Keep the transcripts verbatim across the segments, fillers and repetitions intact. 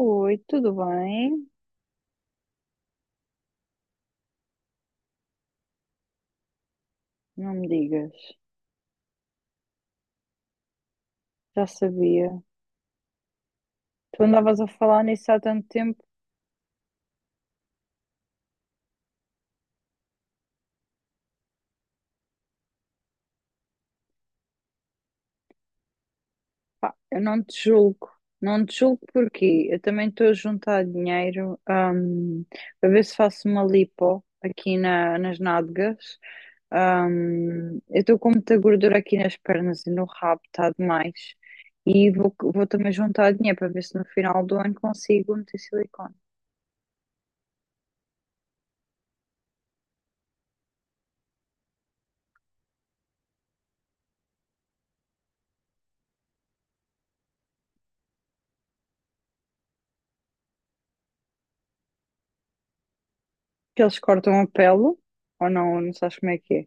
Oi, tudo bem? Não me digas. Já sabia. Tu andavas a falar nisso há tanto tempo. Pá, eu não te julgo. Não te julgo porquê? Eu também estou a juntar dinheiro, hum, para ver se faço uma lipo aqui na- nas nádegas. Hum, eu estou com muita gordura aqui nas pernas e no rabo, está demais. E vou, vou também juntar dinheiro para ver se no final do ano consigo meter silicone. Que eles cortam a pele, ou não, não sabes como é que é.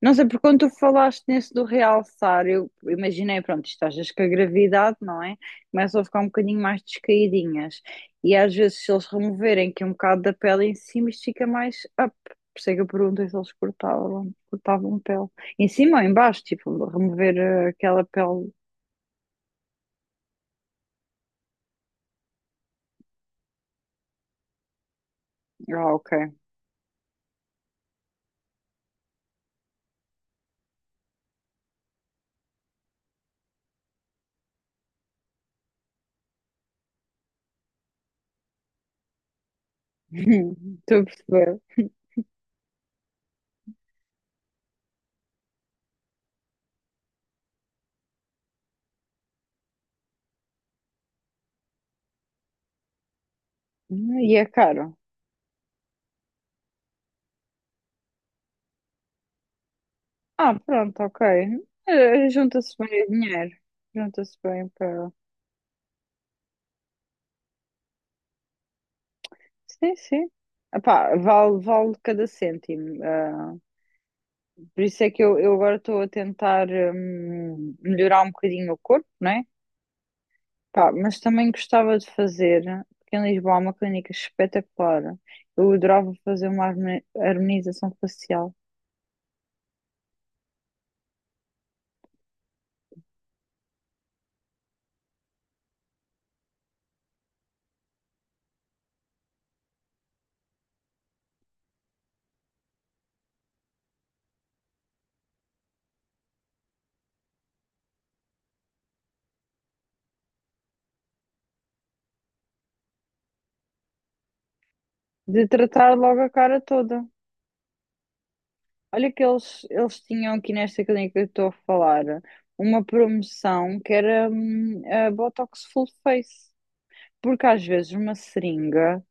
Não sei, porque quando tu falaste nesse do realçar, eu imaginei, pronto, isto às vezes com a gravidade, não é? Começam a ficar um bocadinho mais descaídinhas. E às vezes, se eles removerem aqui um bocado da pele em cima, isto fica mais up. Por isso é que eu perguntei se eles cortavam, cortavam pele. Em cima ou em baixo, tipo, remover eh, aquela pele. Ah, ok. Estou a perceber. Hum, E é caro. Ah, pronto, ok. Eh, junta-se bem o dinheiro. Junta-se bem para. Sim, sim. Epá, vale, vale cada cêntimo. ah, por isso é que eu, eu agora estou a tentar hum, melhorar um bocadinho o corpo, né? Pá, mas também gostava de fazer, porque em Lisboa há uma clínica espetacular. Eu adorava fazer uma harmoni- harmonização facial, de tratar logo a cara toda. Olha que eles, eles tinham aqui nesta clínica que eu estou a falar uma promoção que era hum, a Botox Full Face. Porque às vezes uma seringa,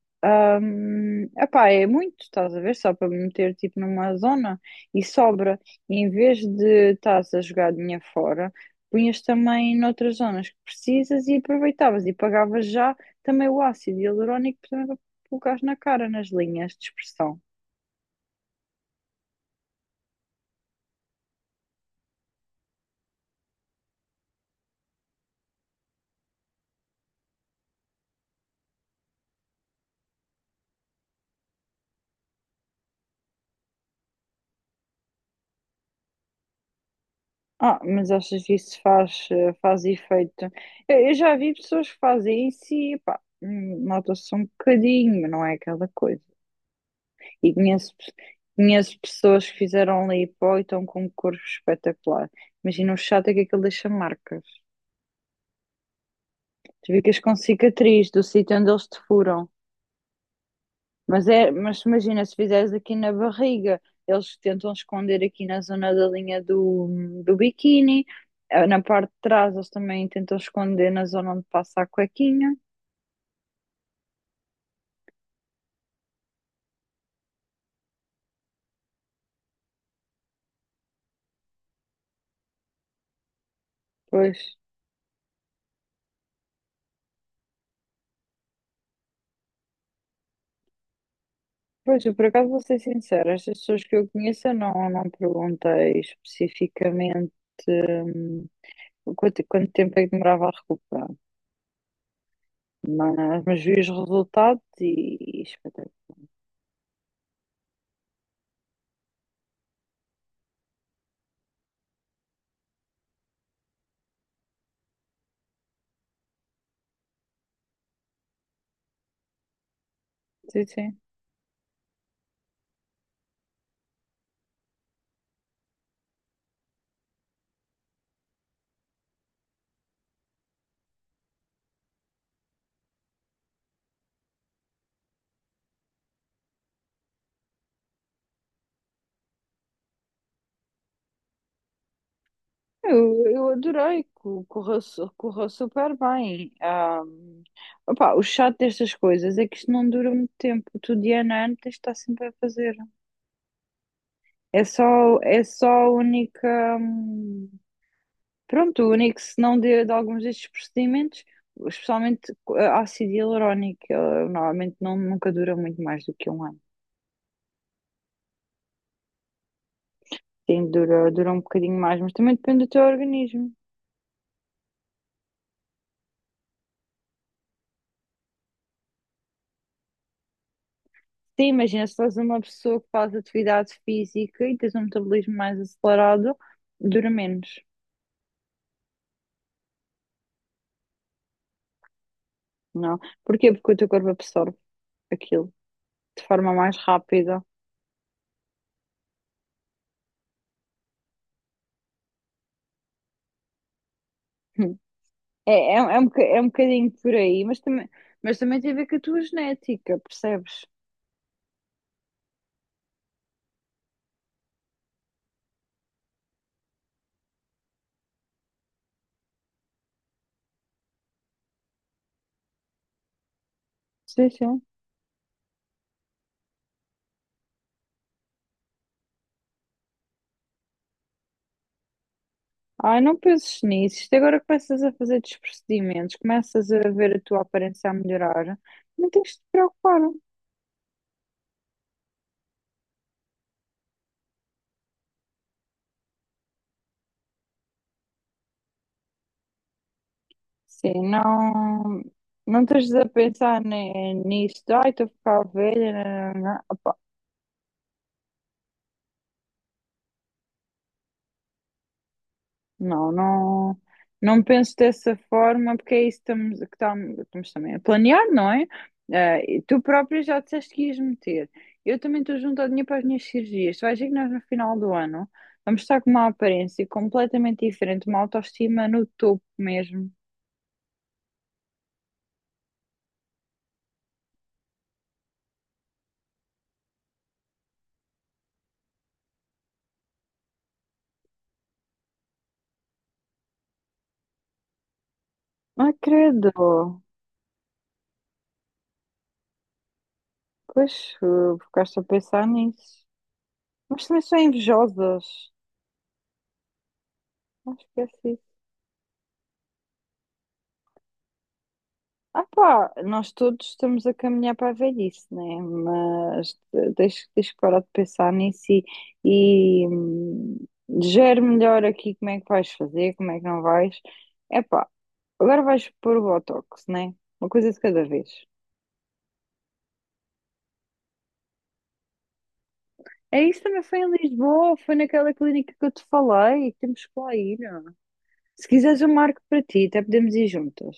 hum, epá, é muito, estás a ver? Só para me meter tipo numa zona e sobra. E em vez de estás a jogar dinheiro fora, punhas também noutras zonas que precisas e aproveitavas e pagavas já também o ácido hialurónico também para colocares na cara, nas linhas de expressão. Ah, mas achas que isso faz, eh, faz efeito? Eu, eu já vi pessoas que fazem isso e pá, hum, nota-se um bocadinho, mas não é aquela coisa. E conheço, conheço pessoas que fizeram lipo e estão com um corpo espetacular. Imagina o chato é que aquilo deixa marcas. Tu ficas com cicatriz do sítio onde eles te furam. Mas, é, mas imagina, se fizeres aqui na barriga, eles tentam esconder aqui na zona da linha do, do biquíni. Eh, Na parte de trás, eles também tentam esconder na zona onde passa a cuequinha. Pois. Pois, eu por acaso vou ser sincera, estas pessoas que eu conheço eu não, não perguntei especificamente hum, quanto, quanto tempo é que demorava a recuperar? Mas, mas vi os resultados e, e espetáculo. Sim, sim. Eu, eu adorei, co- correu, su- correu super bem. Ah, opá, o chato destas coisas é que isto não dura muito tempo. Tu, de ano a ano, tens de estar sempre a fazer. É só, é só a única. hum, Pronto, o único senão de, de alguns destes procedimentos, especialmente co- ácido hialurónico, ele normalmente não, nunca dura muito mais do que um ano. Sim, dura, dura um bocadinho mais, mas também depende do teu organismo. Sim, imagina se és uma pessoa que faz atividade física e tens um metabolismo mais acelerado, dura menos, não? É? Porquê? Porque o teu corpo absorve aquilo de forma mais rápida. É, é, é, um, boca- é um bocadinho por aí, mas também, mas também tem a ver com a tua genética, percebes? Sim, sim. Ai, não penses nisso. Isto agora começas a fazer desprocedimentos, começas a ver a tua aparência a melhorar, não tens de te preocupar. Sim, não, não estás a pensar ni- nisso, de, ai, estou a ficar velha, nã, nã, nã. Opá, não, não, não penso dessa forma, porque é isso que estamos, que tam- estamos também a planear, não é? Eh, e tu própria já disseste que ias meter. Eu também estou junto ao dinheiro para as minhas cirurgias. Tu vais ver que nós no final do ano vamos estar com uma aparência completamente diferente, uma autoestima no topo mesmo. Ah, credo. Pois, eh, ficaste a pensar nisso. Mas também são invejosas. Acho que é assim. Ah pá, nós todos estamos a caminhar para a velhice, né? Mas eh, deixa, deixa parar de pensar nisso e, e hum, gere melhor aqui como é que vais fazer, como é que não vais. É pá, agora vais pôr o Botox, né? Uma coisa de cada vez. É isso também foi em Lisboa, foi naquela clínica que eu te falei, temos que lá ir. Ó. Se quiseres eu marco para ti, até podemos ir juntas.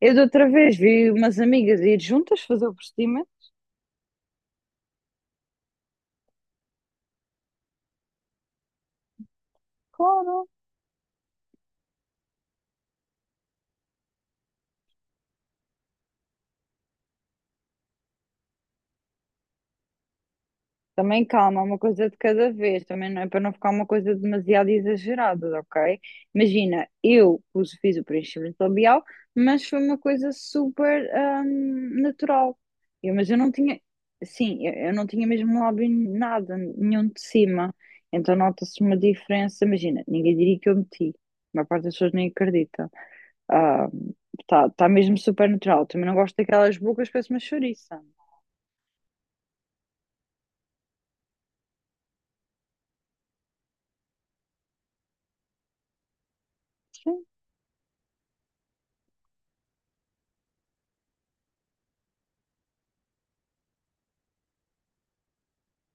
Eu de outra vez vi umas amigas ir juntas fazer o procedimento. Claro. Também calma, uma coisa de cada vez, também não é para não ficar uma coisa demasiado exagerada, ok? Imagina, eu pus- fiz o preenchimento labial, mas foi uma coisa super hum, natural. Eu, mas eu não tinha, sim, eu, eu não tinha mesmo lábio nada, nenhum de cima. Então nota-se uma diferença, imagina, ninguém diria que eu meti. A maior parte das pessoas nem acredita. Está tá tá mesmo super natural. Também não gosto daquelas bocas, parece uma chouriça. Sim,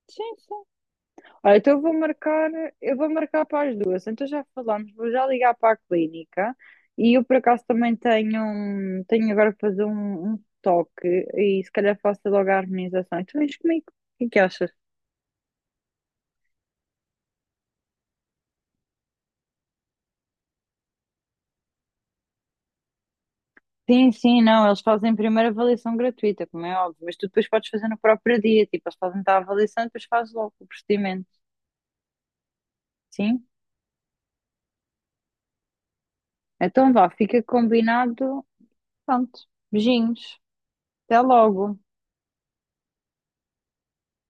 sim, sim. Olha, então eu vou marcar, eu vou marcar para as duas. Então já falamos, vou já ligar para a clínica e eu por acaso também tenho, um- tenho agora para fazer um, um toque e se calhar faço logo a harmonização. E tu vens comigo, o que é que achas? Sim, sim, não, eles fazem primeiro avaliação gratuita, como é óbvio, mas tu depois podes fazer no próprio dia, tipo, eles fazem-te a avaliação e depois fazes logo o procedimento, sim? Então vá, fica combinado, pronto, beijinhos, até logo.